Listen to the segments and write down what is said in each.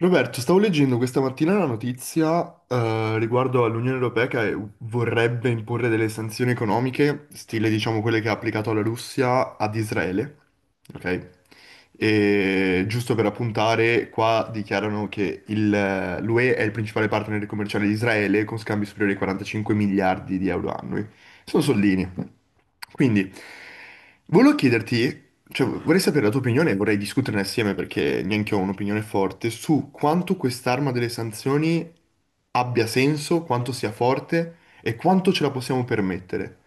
Roberto, stavo leggendo questa mattina una notizia riguardo all'Unione Europea che vorrebbe imporre delle sanzioni economiche, stile diciamo quelle che ha applicato la Russia ad Israele, ok? E giusto per appuntare, qua dichiarano che l'UE è il principale partner commerciale di Israele con scambi superiori ai 45 miliardi di euro annui. Sono soldini. Quindi, volevo chiederti cioè, vorrei sapere la tua opinione e vorrei discuterne assieme perché neanche io ho un'opinione forte su quanto quest'arma delle sanzioni abbia senso, quanto sia forte e quanto ce la possiamo permettere.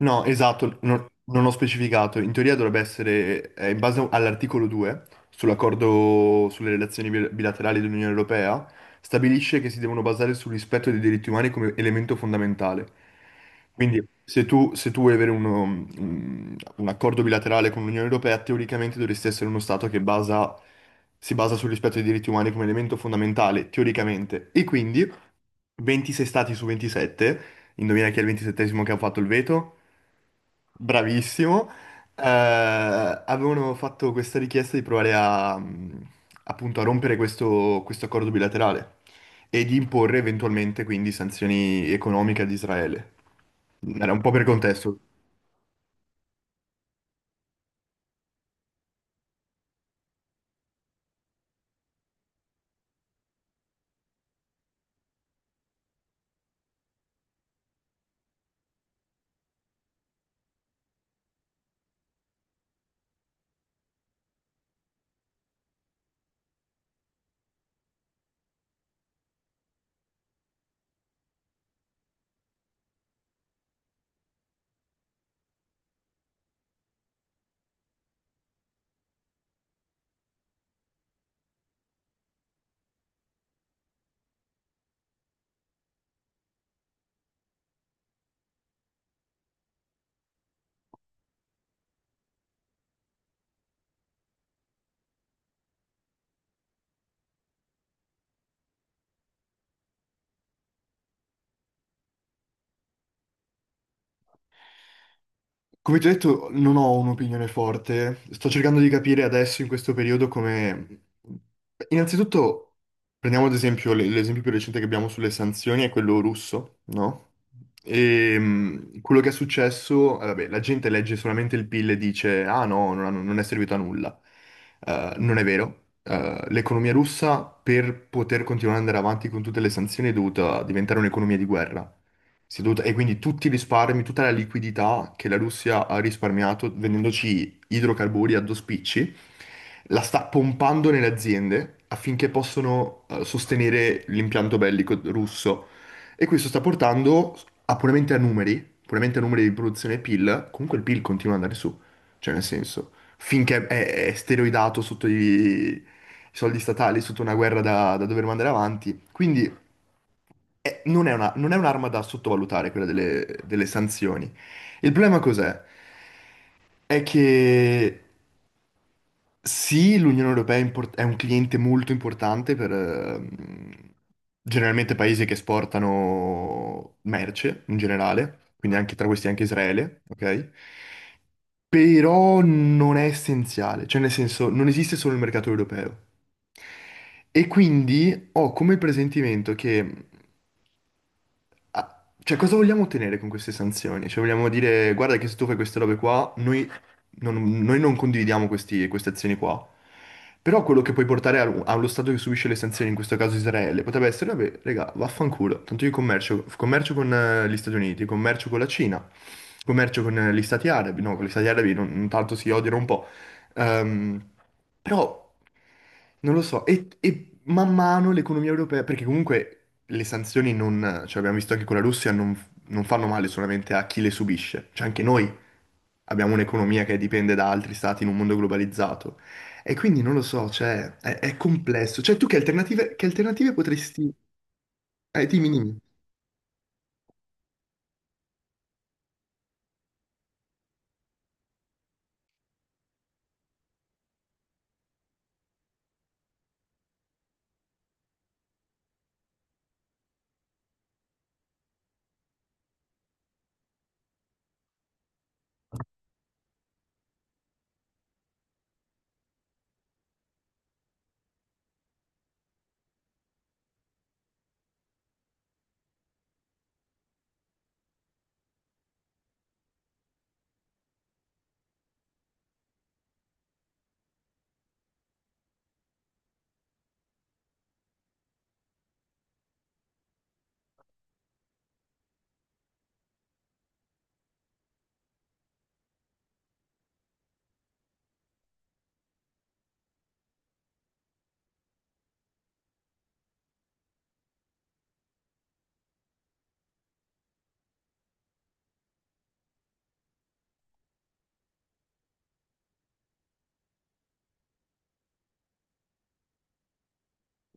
No, esatto, non ho specificato. In teoria dovrebbe essere, in base all'articolo 2 sull'accordo sulle relazioni bilaterali dell'Unione Europea, stabilisce che si devono basare sul rispetto dei diritti umani come elemento fondamentale. Quindi se tu vuoi avere un accordo bilaterale con l'Unione Europea, teoricamente dovresti essere uno Stato che si basa sul rispetto dei diritti umani come elemento fondamentale, teoricamente. E quindi 26 Stati su 27, indovina chi è il 27esimo che ha fatto il veto? Bravissimo. Avevano fatto questa richiesta di provare a, appunto, a rompere questo accordo bilaterale e di imporre eventualmente quindi sanzioni economiche ad Israele. Era un po' per contesto. Come ti ho detto, non ho un'opinione forte. Sto cercando di capire adesso, in questo periodo, come... Innanzitutto, prendiamo ad esempio l'esempio più recente che abbiamo sulle sanzioni, è quello russo, no? E quello che è successo, vabbè, la gente legge solamente il PIL e dice, ah no, non, non è servito a nulla. Non è vero. L'economia russa, per poter continuare ad andare avanti con tutte le sanzioni, è dovuta diventare un'economia di guerra. E quindi tutti i risparmi, tutta la liquidità che la Russia ha risparmiato vendendoci idrocarburi a due spicci, la sta pompando nelle aziende affinché possano sostenere l'impianto bellico russo. E questo sta portando a puramente a numeri di produzione PIL, comunque il PIL continua ad andare su, cioè nel senso, finché è steroidato sotto i soldi statali, sotto una guerra da dover mandare avanti. Quindi non è un'arma da sottovalutare quella delle, delle sanzioni. Il problema cos'è? È che sì, l'Unione Europea è un cliente molto importante per generalmente paesi che esportano merce in generale, quindi anche tra questi anche Israele, ok? Però non è essenziale, cioè nel senso non esiste solo il mercato europeo. E quindi ho come presentimento che Ah, cioè, cosa vogliamo ottenere con queste sanzioni? Cioè, vogliamo dire, guarda che se tu fai queste robe qua, noi non condividiamo queste azioni qua. Però quello che puoi portare allo Stato che subisce le sanzioni, in questo caso Israele, potrebbe essere, vabbè, raga, vaffanculo. Tanto io commercio con gli Stati Uniti, commercio con la Cina, commercio con gli Stati Arabi. No, con gli Stati Arabi non tanto si odiano un po'. Ehm, però, non lo so. E man mano l'economia europea, perché comunque le sanzioni non, cioè abbiamo visto anche con la Russia, non, non fanno male solamente a chi le subisce, cioè anche noi abbiamo un'economia che dipende da altri stati in un mondo globalizzato. E quindi non lo so, è complesso. Cioè tu che alternative potresti... dimmi, dimmi.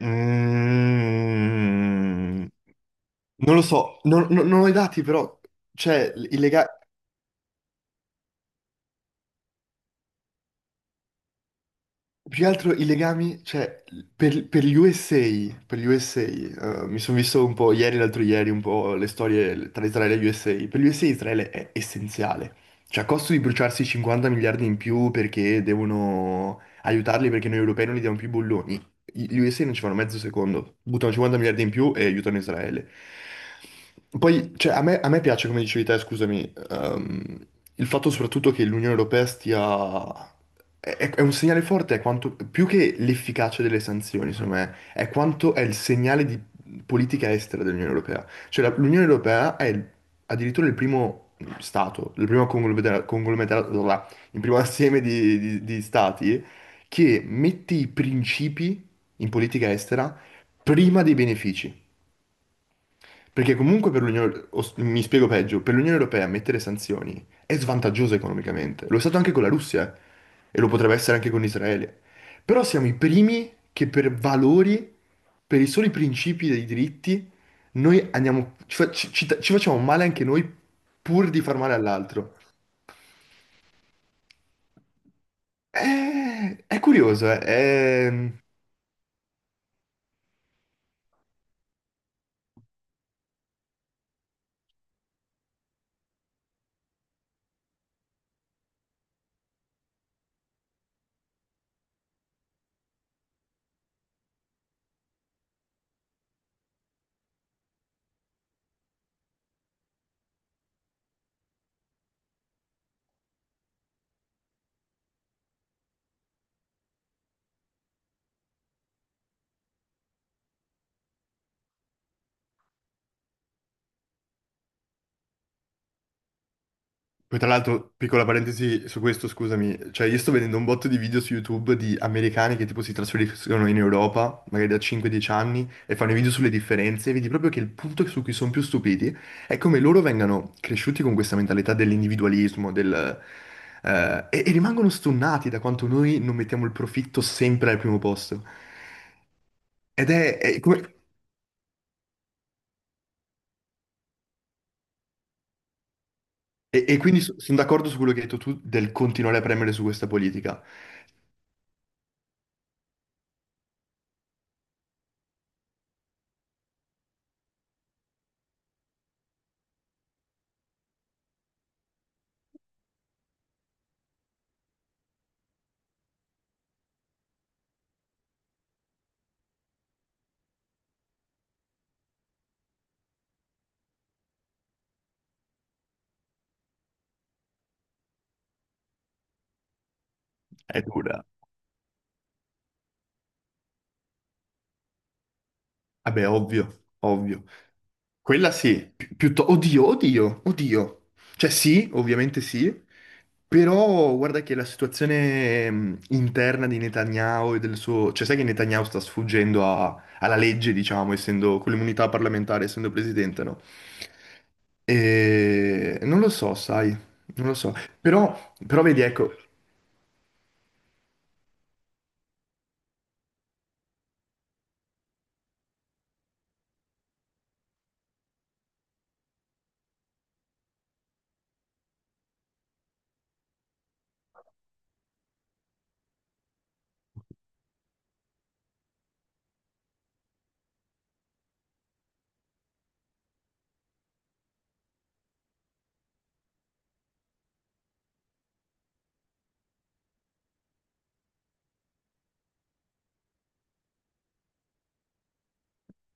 Mm, non lo so. Non ho i dati, però, cioè, il legale. Più che altro i legami, cioè, per gli USA, per gli USA, mi sono visto un po' ieri, l'altro ieri, un po' le storie tra Israele e gli USA. Per gli USA Israele è essenziale. Cioè, a costo di bruciarsi 50 miliardi in più perché devono aiutarli perché noi europei non gli diamo più i bolloni. Gli USA non ci fanno mezzo secondo, buttano 50 miliardi in più e aiutano Israele. Poi, cioè, a me piace, come dicevi te, scusami, ehm, il fatto soprattutto che l'Unione Europea stia... è un segnale forte, è quanto, più che l'efficacia delle sanzioni, secondo me, è quanto è il segnale di politica estera dell'Unione Europea. Cioè l'Unione Europea è addirittura il primo stato, il primo conglomerato, là, il primo assieme di, di stati che mette i principi in politica estera prima dei benefici. Perché comunque per l'Unione, mi spiego peggio, per l'Unione Europea mettere sanzioni è svantaggioso economicamente. Lo è stato anche con la Russia e lo potrebbe essere anche con Israele. Però siamo i primi che per valori, per i soli principi dei diritti, noi andiamo, ci facciamo male anche noi pur di far male all'altro. È curioso, poi tra l'altro, piccola parentesi su questo, scusami, cioè io sto vedendo un botto di video su YouTube di americani che tipo si trasferiscono in Europa, magari da 5-10 anni, e fanno i video sulle differenze, e vedi proprio che il punto su cui sono più stupiti è come loro vengano cresciuti con questa mentalità dell'individualismo, e rimangono stonnati da quanto noi non mettiamo il profitto sempre al primo posto. Ed è come- e quindi sono d'accordo su quello che hai detto tu del continuare a premere su questa politica. È dura. Vabbè, ovvio, ovvio. Quella sì, oddio, oddio, oddio. Cioè sì, ovviamente sì, però guarda che la situazione interna di Netanyahu e del suo... Cioè sai che Netanyahu sta sfuggendo alla legge, diciamo, essendo con l'immunità parlamentare, essendo presidente, no? E... Non lo so, sai, non lo so. Però vedi, ecco,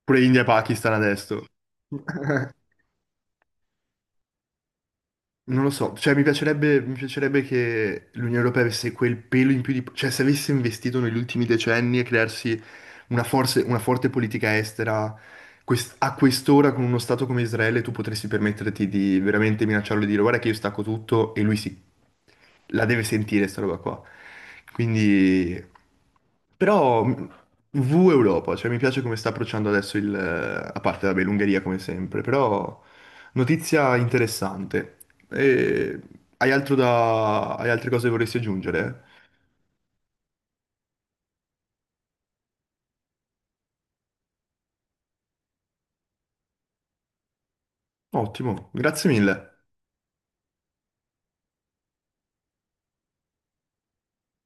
pure India e Pakistan adesso. Non lo so, cioè mi piacerebbe che l'Unione Europea avesse quel pelo in più di... cioè se avesse investito negli ultimi decenni e crearsi una, una forte politica estera, a quest'ora con uno Stato come Israele tu potresti permetterti di veramente minacciarlo e dire guarda che io stacco tutto e lui si... la deve sentire sta roba qua. Quindi... Però V Europa, cioè mi piace come sta approcciando adesso il... a parte vabbè l'Ungheria come sempre, però... Notizia interessante. E hai altro da... hai altre cose che vorresti aggiungere? Ottimo, grazie mille.